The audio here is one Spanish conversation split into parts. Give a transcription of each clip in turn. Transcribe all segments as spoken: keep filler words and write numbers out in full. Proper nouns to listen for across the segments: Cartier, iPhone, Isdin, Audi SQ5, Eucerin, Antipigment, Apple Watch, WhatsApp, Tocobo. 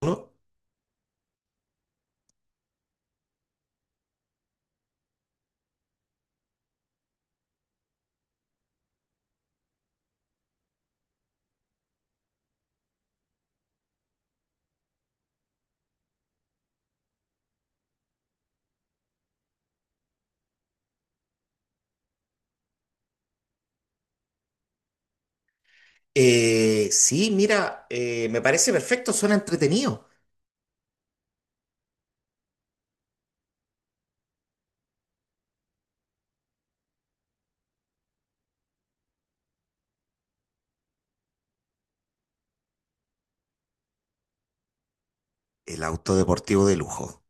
¿No? Eh, sí, mira, eh, me parece perfecto, suena entretenido. El auto deportivo de lujo.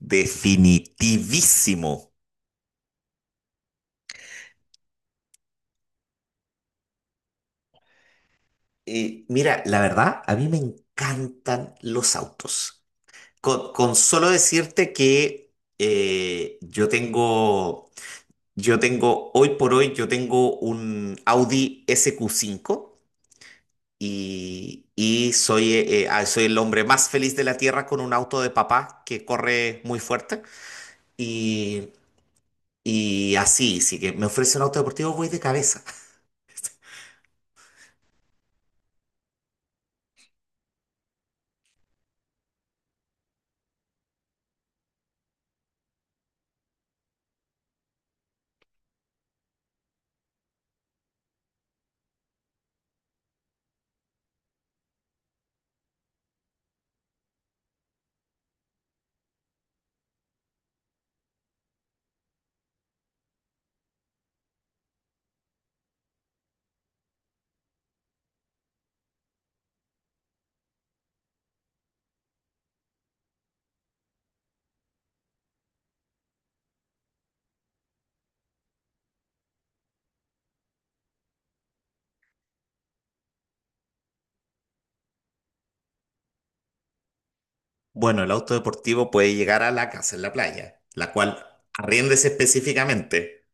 Definitivísimo. Eh, mira, la verdad, a mí me encantan los autos. Con, con solo decirte que eh, yo tengo, yo tengo, hoy por hoy, yo tengo un Audi S Q cinco y, y soy, eh, eh, ah, soy el hombre más feliz de la tierra con un auto de papá que corre muy fuerte. Y, y así, si que me ofrece un auto deportivo, voy de cabeza. Bueno, el auto deportivo puede llegar a la casa en la playa, la cual arriéndese específicamente.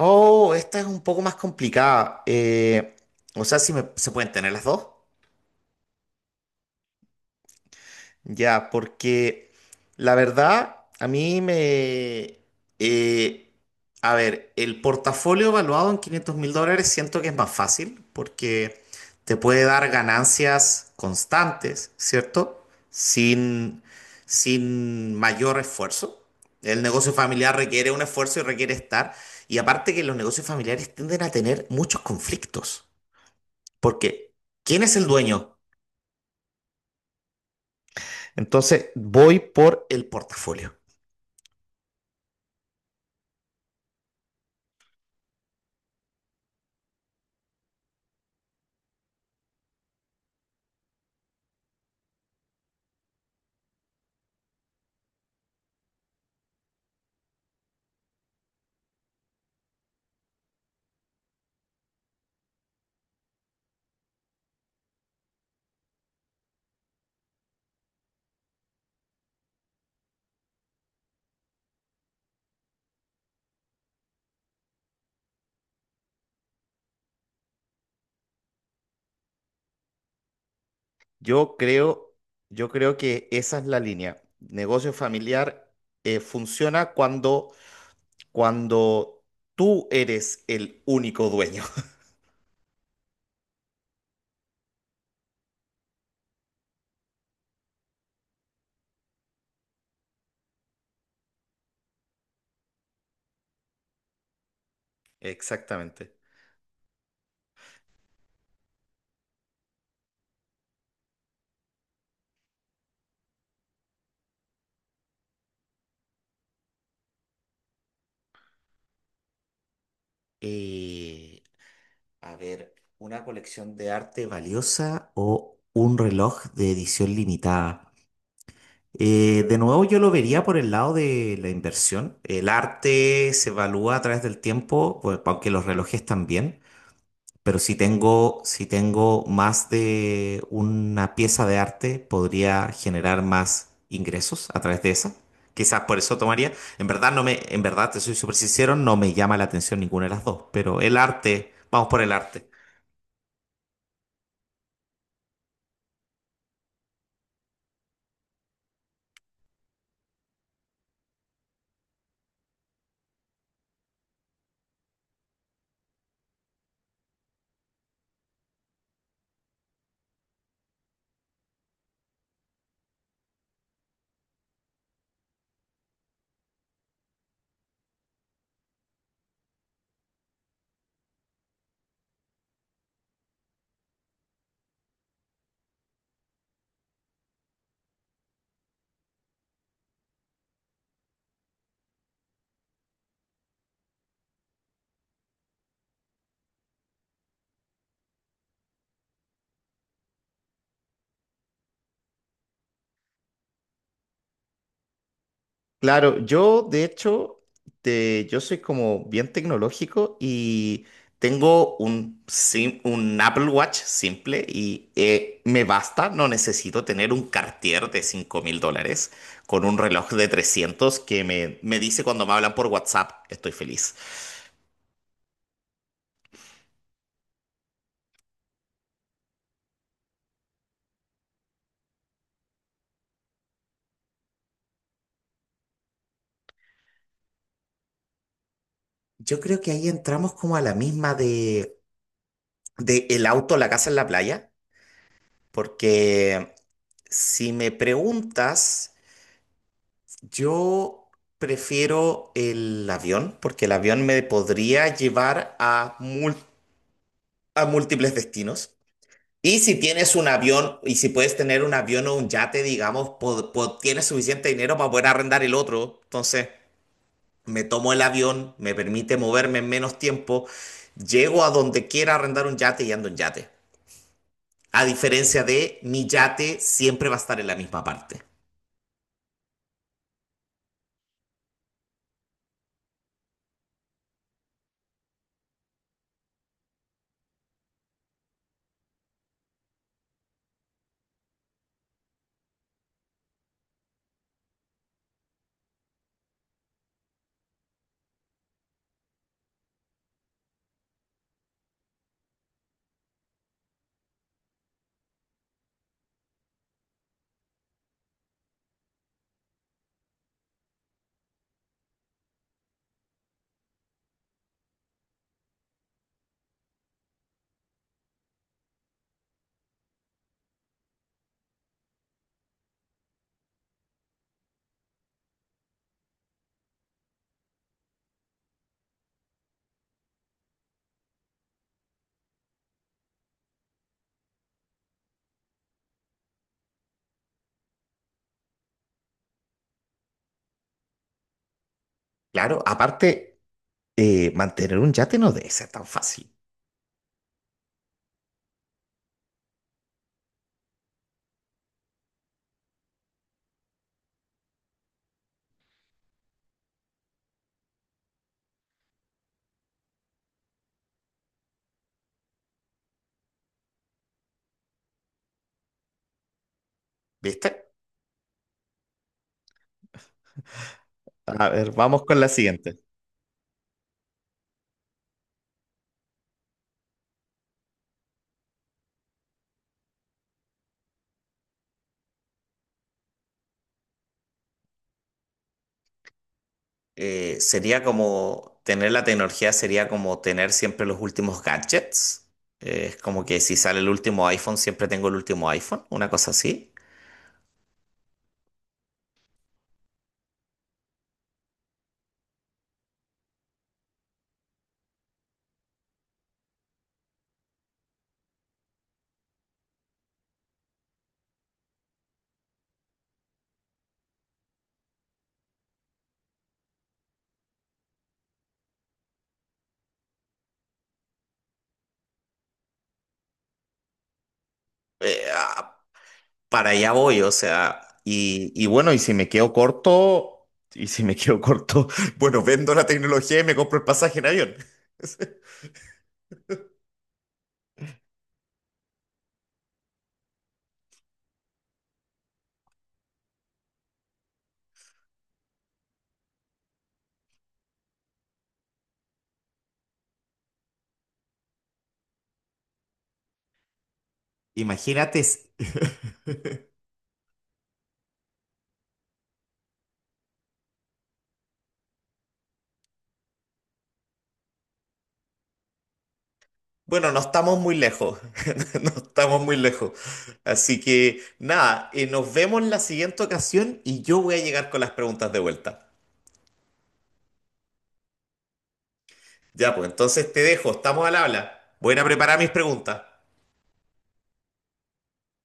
Oh, esta es un poco más complicada. Eh, o sea, si me- se pueden tener las dos. Ya, porque la verdad, a mí me... eh, a ver, el portafolio evaluado en quinientos mil dólares siento que es más fácil porque te puede dar ganancias constantes, ¿cierto? Sin, sin mayor esfuerzo. El negocio familiar requiere un esfuerzo y requiere estar. Y aparte que los negocios familiares tienden a tener muchos conflictos, porque ¿quién es el dueño? Entonces, voy por el portafolio. Yo creo, yo creo que esa es la línea. Negocio familiar eh, funciona cuando, cuando tú eres el único dueño. Exactamente. Eh, a ver, ¿una colección de arte valiosa o un reloj de edición limitada? Eh, de nuevo, yo lo vería por el lado de la inversión. El arte se evalúa a través del tiempo, pues, aunque los relojes también. Pero si tengo, si tengo más de una pieza de arte, podría generar más ingresos a través de esa. Quizás por eso tomaría. En verdad no me, en verdad te soy súper sincero, no me llama la atención ninguna de las dos, pero el arte, vamos por el arte. Claro, yo de hecho, te- yo soy como bien tecnológico y tengo un, sim- un Apple Watch simple y eh, me basta, no necesito tener un Cartier de cinco mil dólares con un reloj de trescientos que me, me dice cuando me hablan por WhatsApp, estoy feliz. Yo creo que ahí entramos como a la misma de, de el auto, la casa en la playa, porque si me preguntas... Yo prefiero el avión porque el avión me podría llevar a, mul- a múltiples destinos. Y si tienes un avión y si puedes tener un avión o un yate, digamos, po- po- tienes suficiente dinero para poder arrendar el otro. Entonces, me tomo el avión, me permite moverme en menos tiempo, llego a donde quiera arrendar un yate y ando en yate. A diferencia de mi yate siempre va a estar en la misma parte. Claro, aparte, eh, mantener un yate no debe ser tan fácil. ¿Viste? A ver, vamos con la siguiente. Eh, sería como tener la tecnología, sería como tener siempre los últimos gadgets. Eh, es como que si sale el último iPhone, siempre tengo el último iPhone, una cosa así. Eh, ah, para allá voy, o sea, Y, y bueno, y si me quedo corto, y si me quedo corto, bueno, vendo la tecnología y me compro el pasaje en avión. imagínate, s- bueno, no estamos muy lejos, no estamos muy lejos. Así que nada, eh, nos vemos en la siguiente ocasión y yo voy a llegar con las preguntas de vuelta. Ya, pues entonces te dejo, estamos al habla. Voy a ir a preparar mis preguntas.